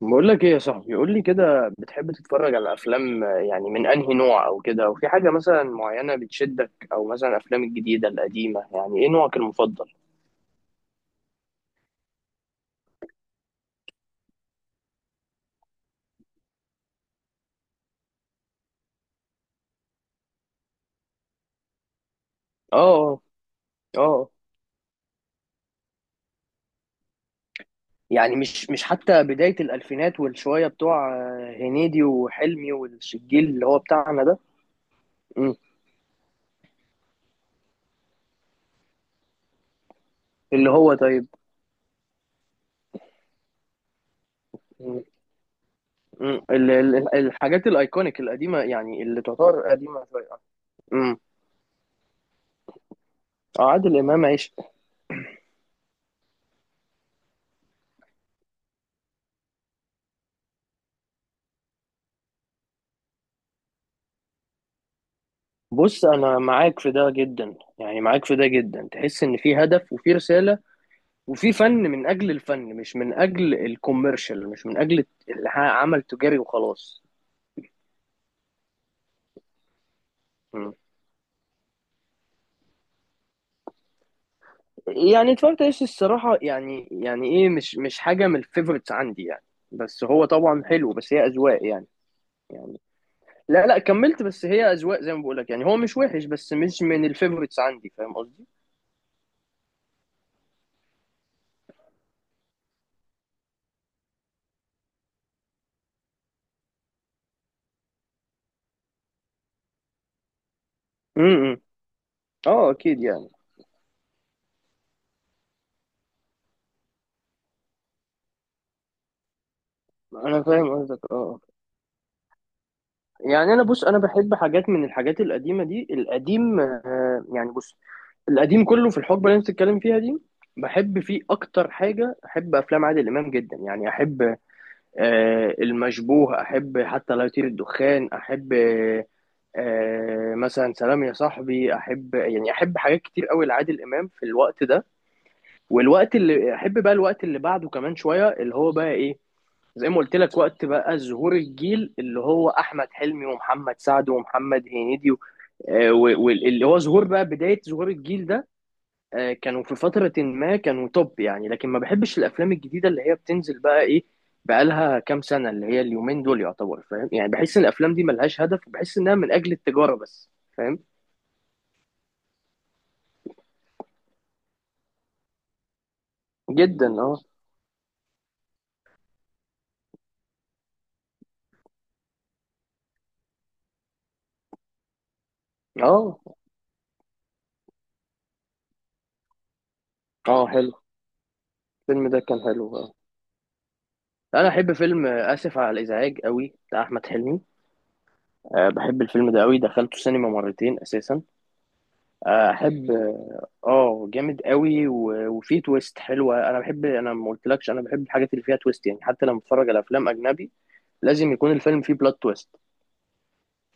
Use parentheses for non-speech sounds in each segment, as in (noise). بقول لك ايه يا صاحبي؟ قول لي كده، بتحب تتفرج على افلام؟ يعني من انهي نوع او كده؟ وفي حاجه مثلا معينه بتشدك؟ او مثلا الافلام الجديده القديمه، يعني ايه نوعك المفضل؟ اه اه. آه. يعني مش حتى بدايه الالفينات والشويه بتوع هنيدي وحلمي والجيل اللي هو بتاعنا ده. مم. اللي هو طيب. مم. مم. الحاجات الايكونيك القديمه، يعني اللي تعتبر قديمه شويه. مم. اه، عادل امام عيش. بص انا معاك في ده جدا، يعني معاك في ده جدا. تحس ان في هدف وفي رسالة، وفي فن من اجل الفن، مش من اجل الكوميرشال، مش من اجل عمل تجاري وخلاص. مم. يعني اتفرجت ايش الصراحة، يعني يعني ايه، مش حاجة من الفيفورتس عندي يعني. بس هو طبعا حلو، بس هي اذواق يعني. يعني لا لا، كملت، بس هي اذواق زي ما بقول لك. يعني هو مش وحش، بس مش من الفيفورتس عندي. فاهم قصدي؟ امم. اه اكيد يعني. انا فاهم قصدك اه. يعني انا بص، انا بحب حاجات من الحاجات القديمه دي، القديم يعني. بص، القديم كله في الحقبه اللي انت بتتكلم فيها دي بحب فيه. اكتر حاجه احب افلام عادل امام جدا، يعني احب المشبوه، احب حتى لا يطير الدخان، احب مثلا سلام يا صاحبي. احب، يعني احب حاجات كتير قوي لعادل امام في الوقت ده. والوقت اللي احب بقى الوقت اللي بعده كمان شويه، اللي هو بقى ايه، زي ما قلت لك، وقت بقى ظهور الجيل اللي هو احمد حلمي ومحمد سعد ومحمد هنيدي واللي هو ظهور بقى بدايه ظهور الجيل ده. كانوا في فتره ما، كانوا توب يعني. لكن ما بحبش الافلام الجديده اللي هي بتنزل بقى ايه، بقالها كام سنه، اللي هي اليومين دول يعتبر. فاهم؟ يعني بحس ان الافلام دي ملهاش هدف، وبحس انها من اجل التجاره بس. فاهم؟ جدا اه. اه اه. حلو. الفيلم ده كان حلو اه. انا احب فيلم اسف على الازعاج قوي، بتاع احمد حلمي. أه بحب الفيلم ده قوي، دخلته سينما مرتين اساسا. احب اه. جامد قوي، وفيه تويست حلوه. انا بحب، انا ما قلتلكش، انا بحب الحاجات اللي فيها تويست يعني. حتى لما بتفرج على افلام اجنبي لازم يكون الفيلم فيه بلوت تويست.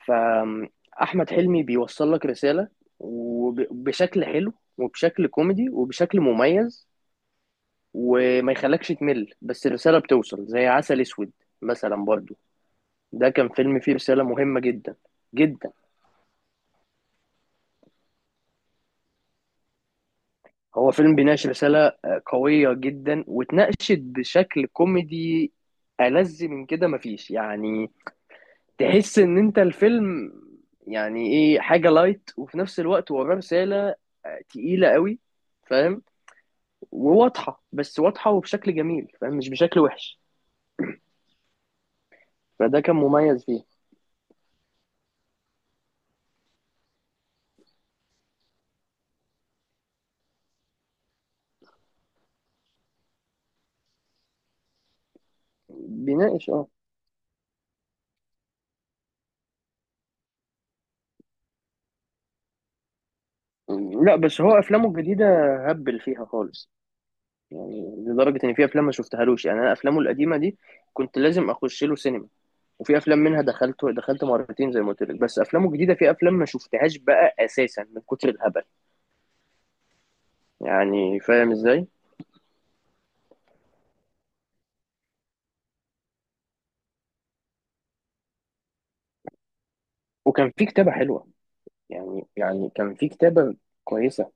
فاحمد حلمي بيوصل لك رساله، وبشكل حلو، وبشكل كوميدي، وبشكل مميز، وما يخلكش تمل، بس الرساله بتوصل. زي عسل اسود مثلا برضو، ده كان فيلم فيه رساله مهمه جدا. جدا. هو فيلم بيناقش رسالة قوية جدا، واتناقشت بشكل كوميدي. ألذ من كده مفيش يعني. تحس إن أنت الفيلم، يعني إيه، حاجة لايت وفي نفس الوقت وراه رسالة تقيلة قوي. فاهم؟ وواضحة، بس واضحة وبشكل جميل، فاهم، مش بشكل وحش. فده كان مميز فيه. بيناقش اه. لا، بس هو أفلامه الجديدة هبل فيها خالص. يعني لدرجة إن في أفلام ما شفتهالوش يعني. أنا أفلامه القديمة دي كنت لازم أخش له سينما، وفي افلام منها دخلت مرتين زي ما قلت لك، بس افلامه الجديده في افلام ما شفتهاش بقى اساسا من كتر الهبل. يعني فاهم ازاي. وكان في كتابه حلوه، يعني يعني كان في كتابه كويسه.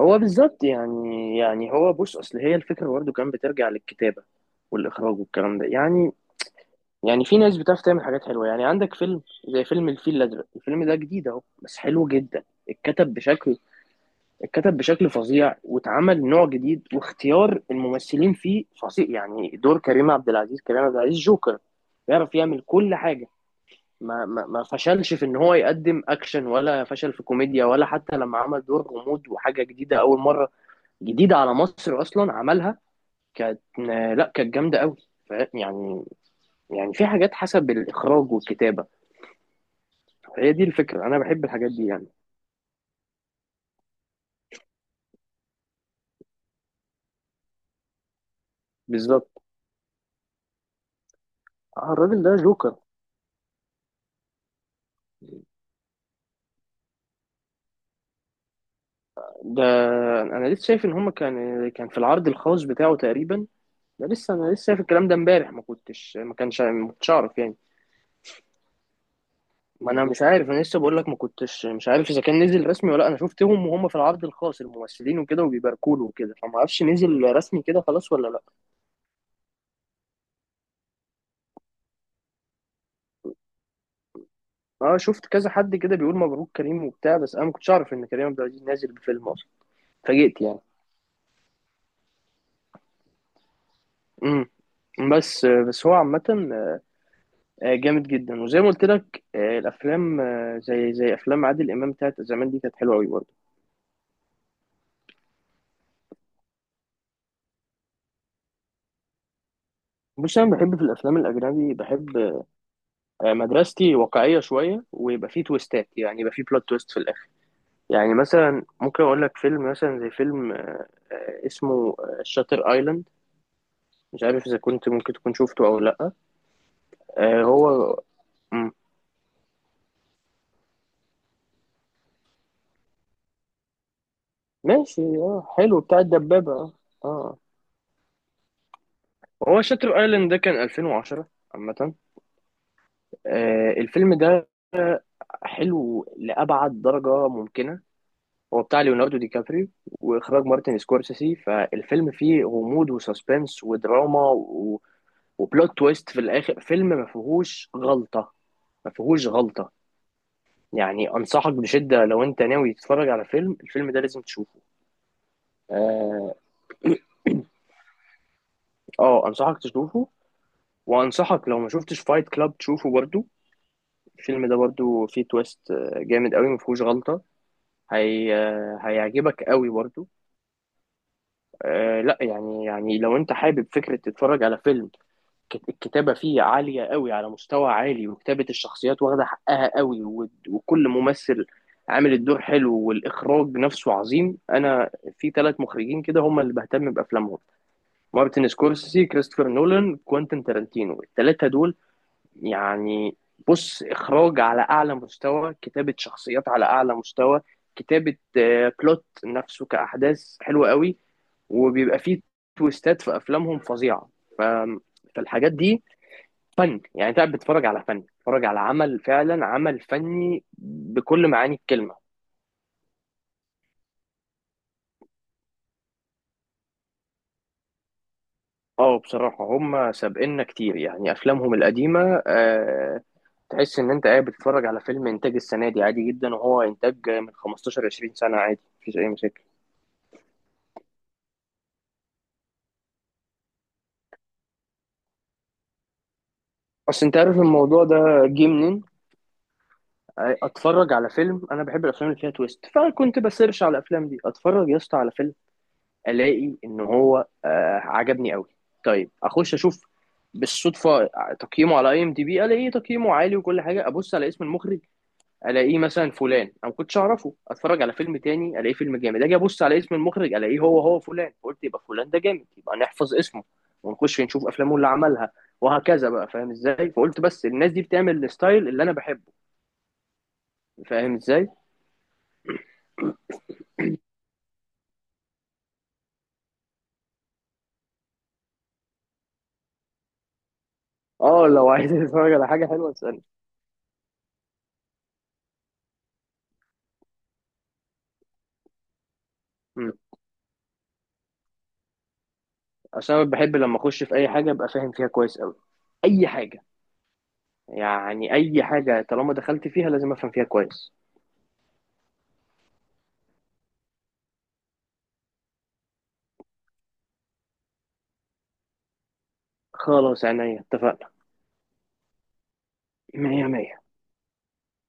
هو بالظبط، يعني يعني هو بص، اصل هي الفكره برضه كان بترجع للكتابه والاخراج والكلام ده يعني. يعني في ناس بتعرف تعمل حاجات حلوه، يعني عندك فيلم زي فيلم الفيل الازرق. الفيلم ده جديد اهو بس حلو جدا. اتكتب بشكل اتكتب بشكل فظيع، واتعمل نوع جديد، واختيار الممثلين فيه فظيع. يعني دور كريم عبد العزيز، كريم عبد العزيز جوكر، بيعرف يعمل كل حاجة. ما فشلش في ان هو يقدم اكشن، ولا فشل في كوميديا، ولا حتى لما عمل دور غموض وحاجة جديدة اول مرة جديدة على مصر اصلا عملها، كانت، لا كانت جامدة قوي. يعني يعني في حاجات حسب الاخراج والكتابة. هي دي الفكرة، انا بحب الحاجات دي يعني. بالظبط. الراجل ده جوكر. ده انا لسه شايف ان هما كان كان في العرض الخاص بتاعه تقريبا. ده لسه انا لسه شايف الكلام ده امبارح، ما كنتش، ما كانش، ما كنتش اعرف يعني. ما انا مش عارف، انا لسه بقول لك، ما كنتش مش عارف اذا كان نزل رسمي ولا لأ. انا شفتهم وهم في العرض الخاص، الممثلين وكده وبيباركوا له وكده، فما اعرفش نزل رسمي كده خلاص ولا لا. اه، شفت كذا حد كده بيقول مبروك كريم وبتاع، بس انا ما كنتش اعرف ان كريم عبد العزيز نازل بفيلم اصلا. اتفاجئت يعني. امم. بس هو عامة جامد جدا. وزي ما قلت لك، الافلام زي زي افلام عادل امام بتاعت زمان دي كانت حلوه قوي برضه. بص، انا بحب في الافلام الاجنبي، بحب مدرستي واقعيه شويه، ويبقى فيه تويستات، يعني يبقى فيه بلوت تويست في الاخر. يعني مثلا ممكن اقول لك فيلم مثلا زي فيلم اسمه شاتر ايلاند. مش عارف اذا كنت ممكن تكون شفته او لا. هو مم. ماشي اه، حلو، بتاع الدبابه اه. اه، هو شاتر ايلاند ده كان 2010 عامه. الفيلم ده حلو لأبعد درجة ممكنة. هو بتاع ليوناردو دي كابريو، وإخراج مارتن سكورسيسي. فالفيلم فيه غموض وسسبنس ودراما، و... وبلوت تويست في الآخر. فيلم ما فيهوش غلطة، ما فيهوش غلطة. يعني أنصحك بشدة، لو أنت ناوي تتفرج على فيلم الفيلم ده لازم تشوفه. آه آه أنصحك تشوفه. وأنصحك لو ما شفتش فايت كلاب تشوفه برضو. الفيلم ده برضو فيه تويست جامد قوي، ما فيهوش غلطة. هي... هيعجبك قوي برضو. آه لا، يعني يعني لو انت حابب فكرة تتفرج على فيلم، الكتابة فيه عالية قوي على مستوى عالي، وكتابة الشخصيات واخدة حقها قوي، وكل ممثل عامل الدور حلو، والإخراج نفسه عظيم. أنا في ثلاث مخرجين كده هم اللي بهتم بأفلامهم: مارتن سكورسيزي، كريستوفر نولان، كوانتين تارانتينو. الثلاثة دول يعني، بص، إخراج على أعلى مستوى، كتابة شخصيات على أعلى مستوى، كتابة بلوت نفسه كأحداث حلوة قوي، وبيبقى فيه تويستات في افلامهم فظيعه. ف... فالحاجات دي فن يعني. انت قاعد بتتفرج على فن، بتتفرج على عمل فعلا، عمل فني بكل معاني الكلمه. اه بصراحه، هم سابقنا كتير يعني. افلامهم القديمه آه، تحس ان انت قاعد بتتفرج على فيلم انتاج السنه دي عادي جدا، وهو انتاج من 15 20 سنه، عادي مفيش اي مشاكل. اصل انت عارف الموضوع ده جه منين؟ اتفرج على فيلم، انا بحب الافلام اللي فيها تويست، فكنت بسيرش على الافلام دي. اتفرج يا اسطى على فيلم، الاقي ان هو آه عجبني قوي، طيب اخش اشوف بالصدفه تقييمه على اي ام دي بي، الاقيه تقييمه عالي وكل حاجه، ابص على اسم المخرج الاقيه مثلا فلان، انا ما كنتش اعرفه. اتفرج على فيلم تاني، الاقيه فيلم جامد، اجي ابص على اسم المخرج الاقيه هو فلان، قلت يبقى فلان ده جامد، يبقى نحفظ اسمه ونخش نشوف افلامه اللي عملها، وهكذا بقى. فاهم ازاي؟ فقلت، بس الناس دي بتعمل الستايل اللي انا بحبه، فاهم ازاي. اه لو عايز (laughs) تتفرج على حاجه حلوه اسالني. اصل انا بحب لما اخش في اي حاجه ابقى فاهم فيها كويس قوي، اي حاجه. يعني اي حاجه طالما دخلت فيها لازم افهم فيها كويس. خلاص، عينيا، اتفقنا. مية مية.